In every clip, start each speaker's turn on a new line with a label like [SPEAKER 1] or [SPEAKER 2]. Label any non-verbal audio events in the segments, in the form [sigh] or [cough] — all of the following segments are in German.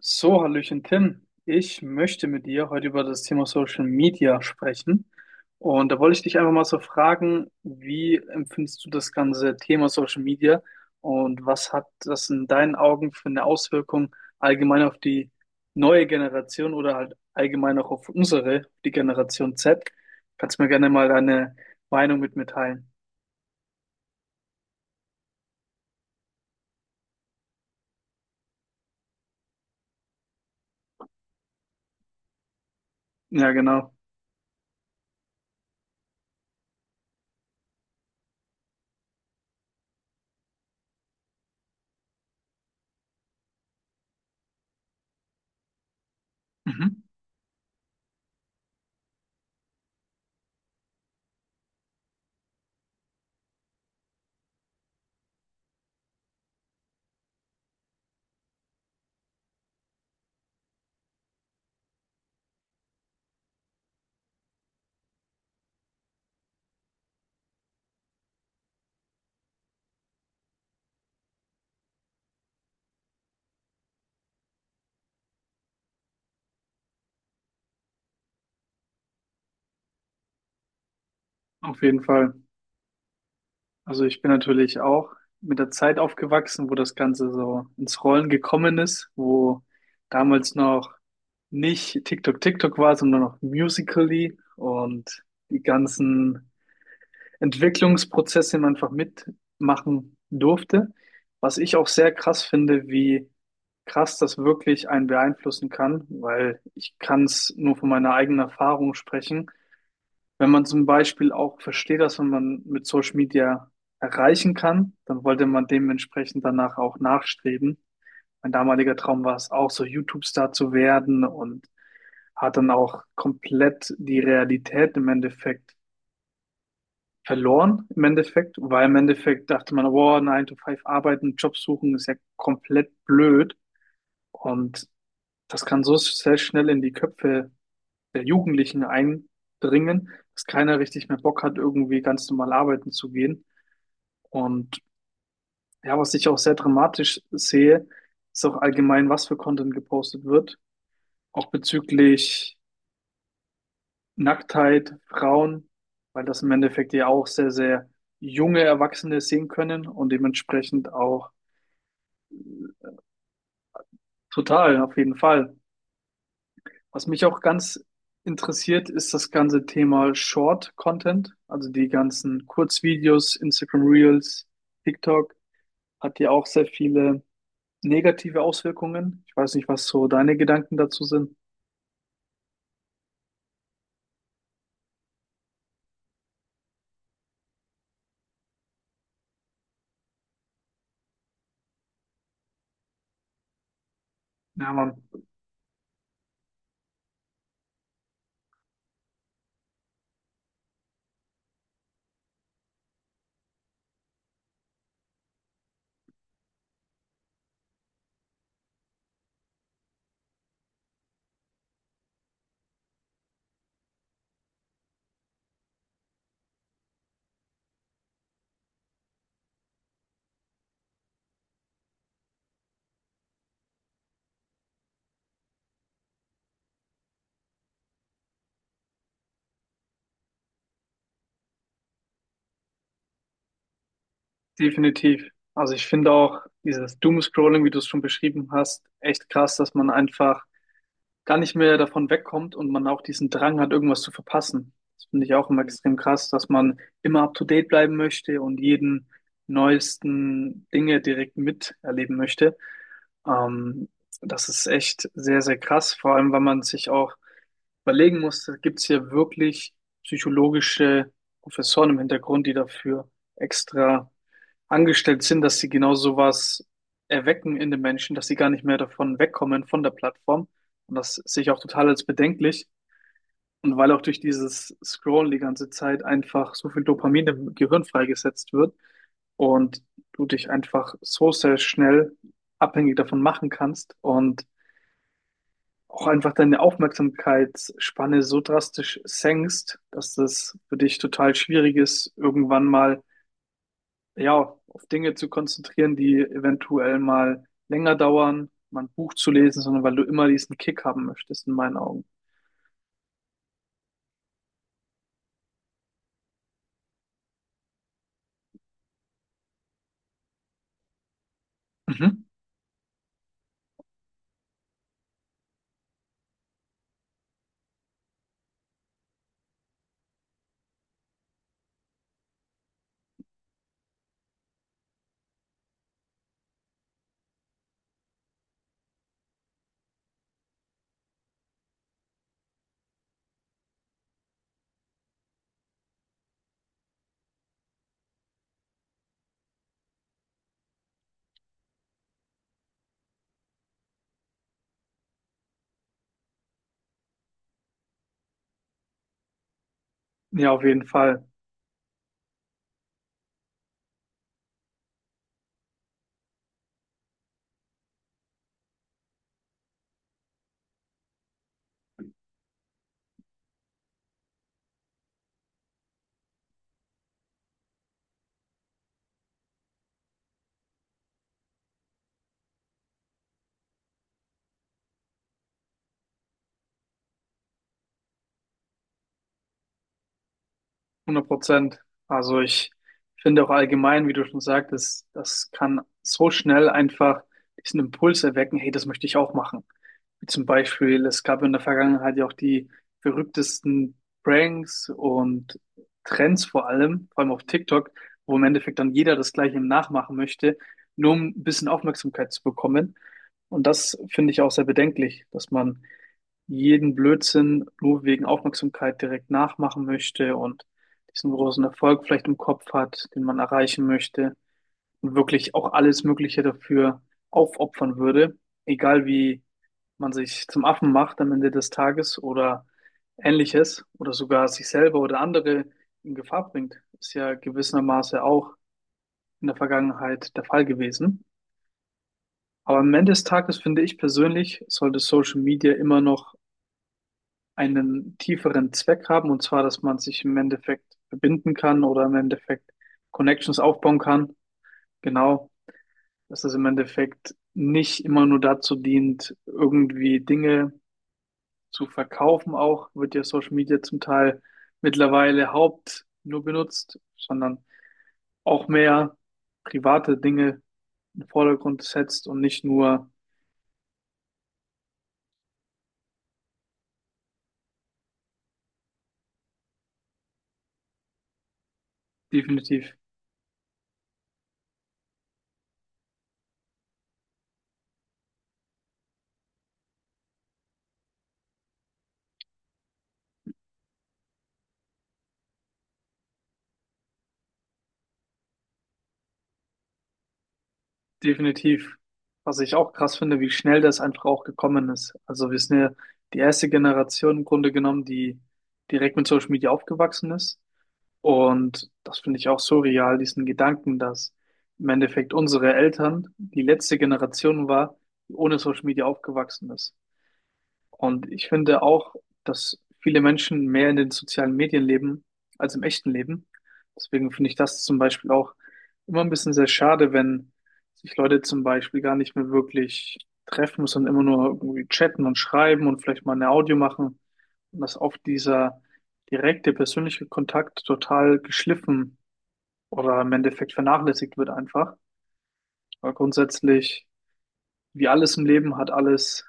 [SPEAKER 1] So, Hallöchen Tim. Ich möchte mit dir heute über das Thema Social Media sprechen. Und da wollte ich dich einfach mal so fragen, wie empfindest du das ganze Thema Social Media und was hat das in deinen Augen für eine Auswirkung allgemein auf die neue Generation oder halt allgemein auch auf unsere, die Generation Z? Kannst du mir gerne mal deine Meinung mitteilen? Ja, genau. Mhm. Auf jeden Fall. Also ich bin natürlich auch mit der Zeit aufgewachsen, wo das Ganze so ins Rollen gekommen ist, wo damals noch nicht TikTok war, sondern noch Musical.ly und die ganzen Entwicklungsprozesse man einfach mitmachen durfte. Was ich auch sehr krass finde, wie krass das wirklich einen beeinflussen kann, weil ich kann es nur von meiner eigenen Erfahrung sprechen, wenn man zum Beispiel auch versteht, dass man mit Social Media erreichen kann, dann wollte man dementsprechend danach auch nachstreben. Mein damaliger Traum war es auch, so YouTube-Star zu werden, und hat dann auch komplett die Realität im Endeffekt verloren, im Endeffekt, weil im Endeffekt dachte man, wow, 9 to 5 arbeiten, Job suchen ist ja komplett blöd, und das kann so sehr schnell in die Köpfe der Jugendlichen eindringen, dass keiner richtig mehr Bock hat, irgendwie ganz normal arbeiten zu gehen. Und ja, was ich auch sehr dramatisch sehe, ist auch allgemein, was für Content gepostet wird. Auch bezüglich Nacktheit, Frauen, weil das im Endeffekt ja auch sehr, sehr junge Erwachsene sehen können und dementsprechend auch total, auf jeden Fall. Was mich auch ganz interessiert, ist das ganze Thema Short Content, also die ganzen Kurzvideos, Instagram Reels, TikTok, hat ja auch sehr viele negative Auswirkungen. Ich weiß nicht, was so deine Gedanken dazu sind. Ja, Mann, definitiv. Also ich finde auch dieses Doomscrolling, wie du es schon beschrieben hast, echt krass, dass man einfach gar nicht mehr davon wegkommt und man auch diesen Drang hat, irgendwas zu verpassen. Das finde ich auch immer extrem krass, dass man immer up to date bleiben möchte und jeden neuesten Dinge direkt miterleben möchte. Ähm, Das ist echt sehr, sehr krass, vor allem, weil man sich auch überlegen muss, gibt es hier wirklich psychologische Professoren im Hintergrund, die dafür extra angestellt sind, dass sie genau sowas erwecken in den Menschen, dass sie gar nicht mehr davon wegkommen von der Plattform. Und das sehe ich auch total als bedenklich. Und weil auch durch dieses Scrollen die ganze Zeit einfach so viel Dopamin im Gehirn freigesetzt wird und du dich einfach so sehr schnell abhängig davon machen kannst und auch einfach deine Aufmerksamkeitsspanne so drastisch senkst, dass das für dich total schwierig ist, irgendwann mal, ja, auf Dinge zu konzentrieren, die eventuell mal länger dauern, mal ein Buch zu lesen, sondern weil du immer diesen Kick haben möchtest, in meinen Augen. Mhm. Ja, auf jeden Fall. 100%. Also ich finde auch allgemein, wie du schon sagtest, das kann so schnell einfach diesen Impuls erwecken, hey, das möchte ich auch machen. Wie zum Beispiel, es gab in der Vergangenheit ja auch die verrücktesten Pranks und Trends, vor allem auf TikTok, wo im Endeffekt dann jeder das Gleiche nachmachen möchte, nur um ein bisschen Aufmerksamkeit zu bekommen. Und das finde ich auch sehr bedenklich, dass man jeden Blödsinn nur wegen Aufmerksamkeit direkt nachmachen möchte und diesen großen Erfolg vielleicht im Kopf hat, den man erreichen möchte und wirklich auch alles Mögliche dafür aufopfern würde, egal wie man sich zum Affen macht am Ende des Tages oder ähnliches oder sogar sich selber oder andere in Gefahr bringt, ist ja gewissermaßen auch in der Vergangenheit der Fall gewesen. Aber am Ende des Tages finde ich persönlich, sollte Social Media immer noch einen tieferen Zweck haben, und zwar, dass man sich im Endeffekt verbinden kann oder im Endeffekt Connections aufbauen kann. Genau, dass es im Endeffekt nicht immer nur dazu dient, irgendwie Dinge zu verkaufen, auch wird ja Social Media zum Teil mittlerweile haupt nur benutzt, sondern auch mehr private Dinge in den Vordergrund setzt und nicht nur definitiv, definitiv, was ich auch krass finde, wie schnell das einfach auch gekommen ist. Also wir sind ja die erste Generation im Grunde genommen, die direkt mit Social Media aufgewachsen ist. Und das finde ich auch surreal, diesen Gedanken, dass im Endeffekt unsere Eltern die letzte Generation war, die ohne Social Media aufgewachsen ist. Und ich finde auch, dass viele Menschen mehr in den sozialen Medien leben als im echten Leben. Deswegen finde ich das zum Beispiel auch immer ein bisschen sehr schade, wenn sich Leute zum Beispiel gar nicht mehr wirklich treffen, sondern immer nur irgendwie chatten und schreiben und vielleicht mal eine Audio machen. Und dass oft dieser direkte persönliche Kontakt total geschliffen oder im Endeffekt vernachlässigt wird einfach. Weil grundsätzlich, wie alles im Leben, hat alles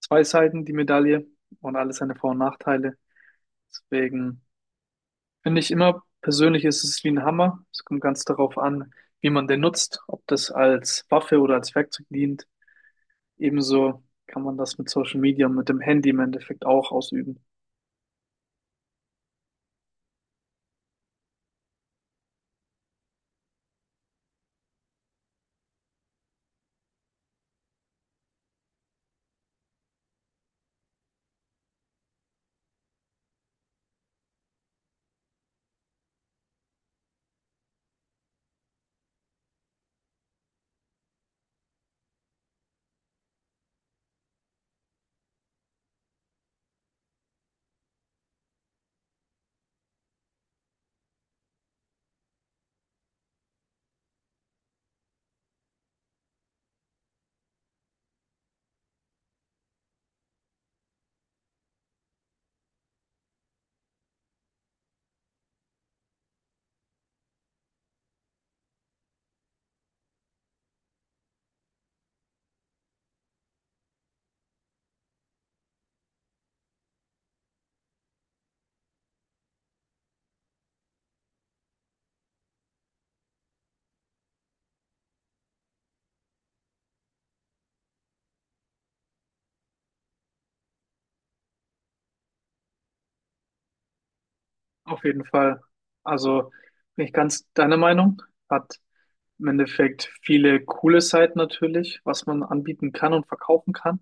[SPEAKER 1] zwei Seiten, die Medaille, und alles seine Vor- und Nachteile. Deswegen finde ich immer, persönlich ist es wie ein Hammer. Es kommt ganz darauf an, wie man den nutzt, ob das als Waffe oder als Werkzeug dient. Ebenso kann man das mit Social Media und mit dem Handy im Endeffekt auch ausüben. Auf jeden Fall. Also bin ich ganz deiner Meinung. Hat im Endeffekt viele coole Seiten natürlich, was man anbieten kann und verkaufen kann.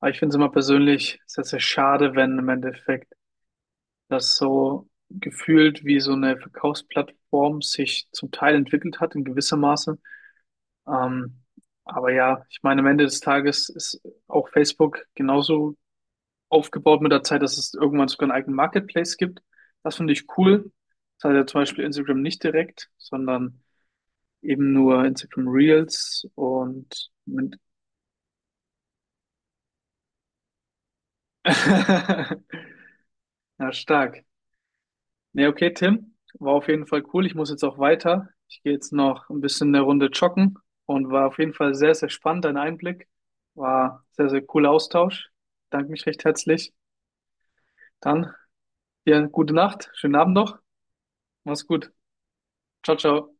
[SPEAKER 1] Aber ich finde es immer persönlich sehr, sehr schade, wenn im Endeffekt dass so gefühlt wie so eine Verkaufsplattform sich zum Teil entwickelt hat in gewisser Maße. Ähm, aber ja, ich meine, am Ende des Tages ist auch Facebook genauso aufgebaut mit der Zeit, dass es irgendwann sogar einen eigenen Marketplace gibt. Das finde ich cool. Das hat ja zum Beispiel Instagram nicht direkt, sondern eben nur Instagram Reels und mit [laughs] ja, stark. Nee, okay, Tim. War auf jeden Fall cool. Ich muss jetzt auch weiter. Ich gehe jetzt noch ein bisschen eine Runde joggen und war auf jeden Fall sehr, sehr spannend, dein Einblick. War sehr, sehr cooler Austausch. Danke mich recht herzlich. Dann dir eine gute Nacht, schönen Abend noch. Mach's gut. Ciao, ciao.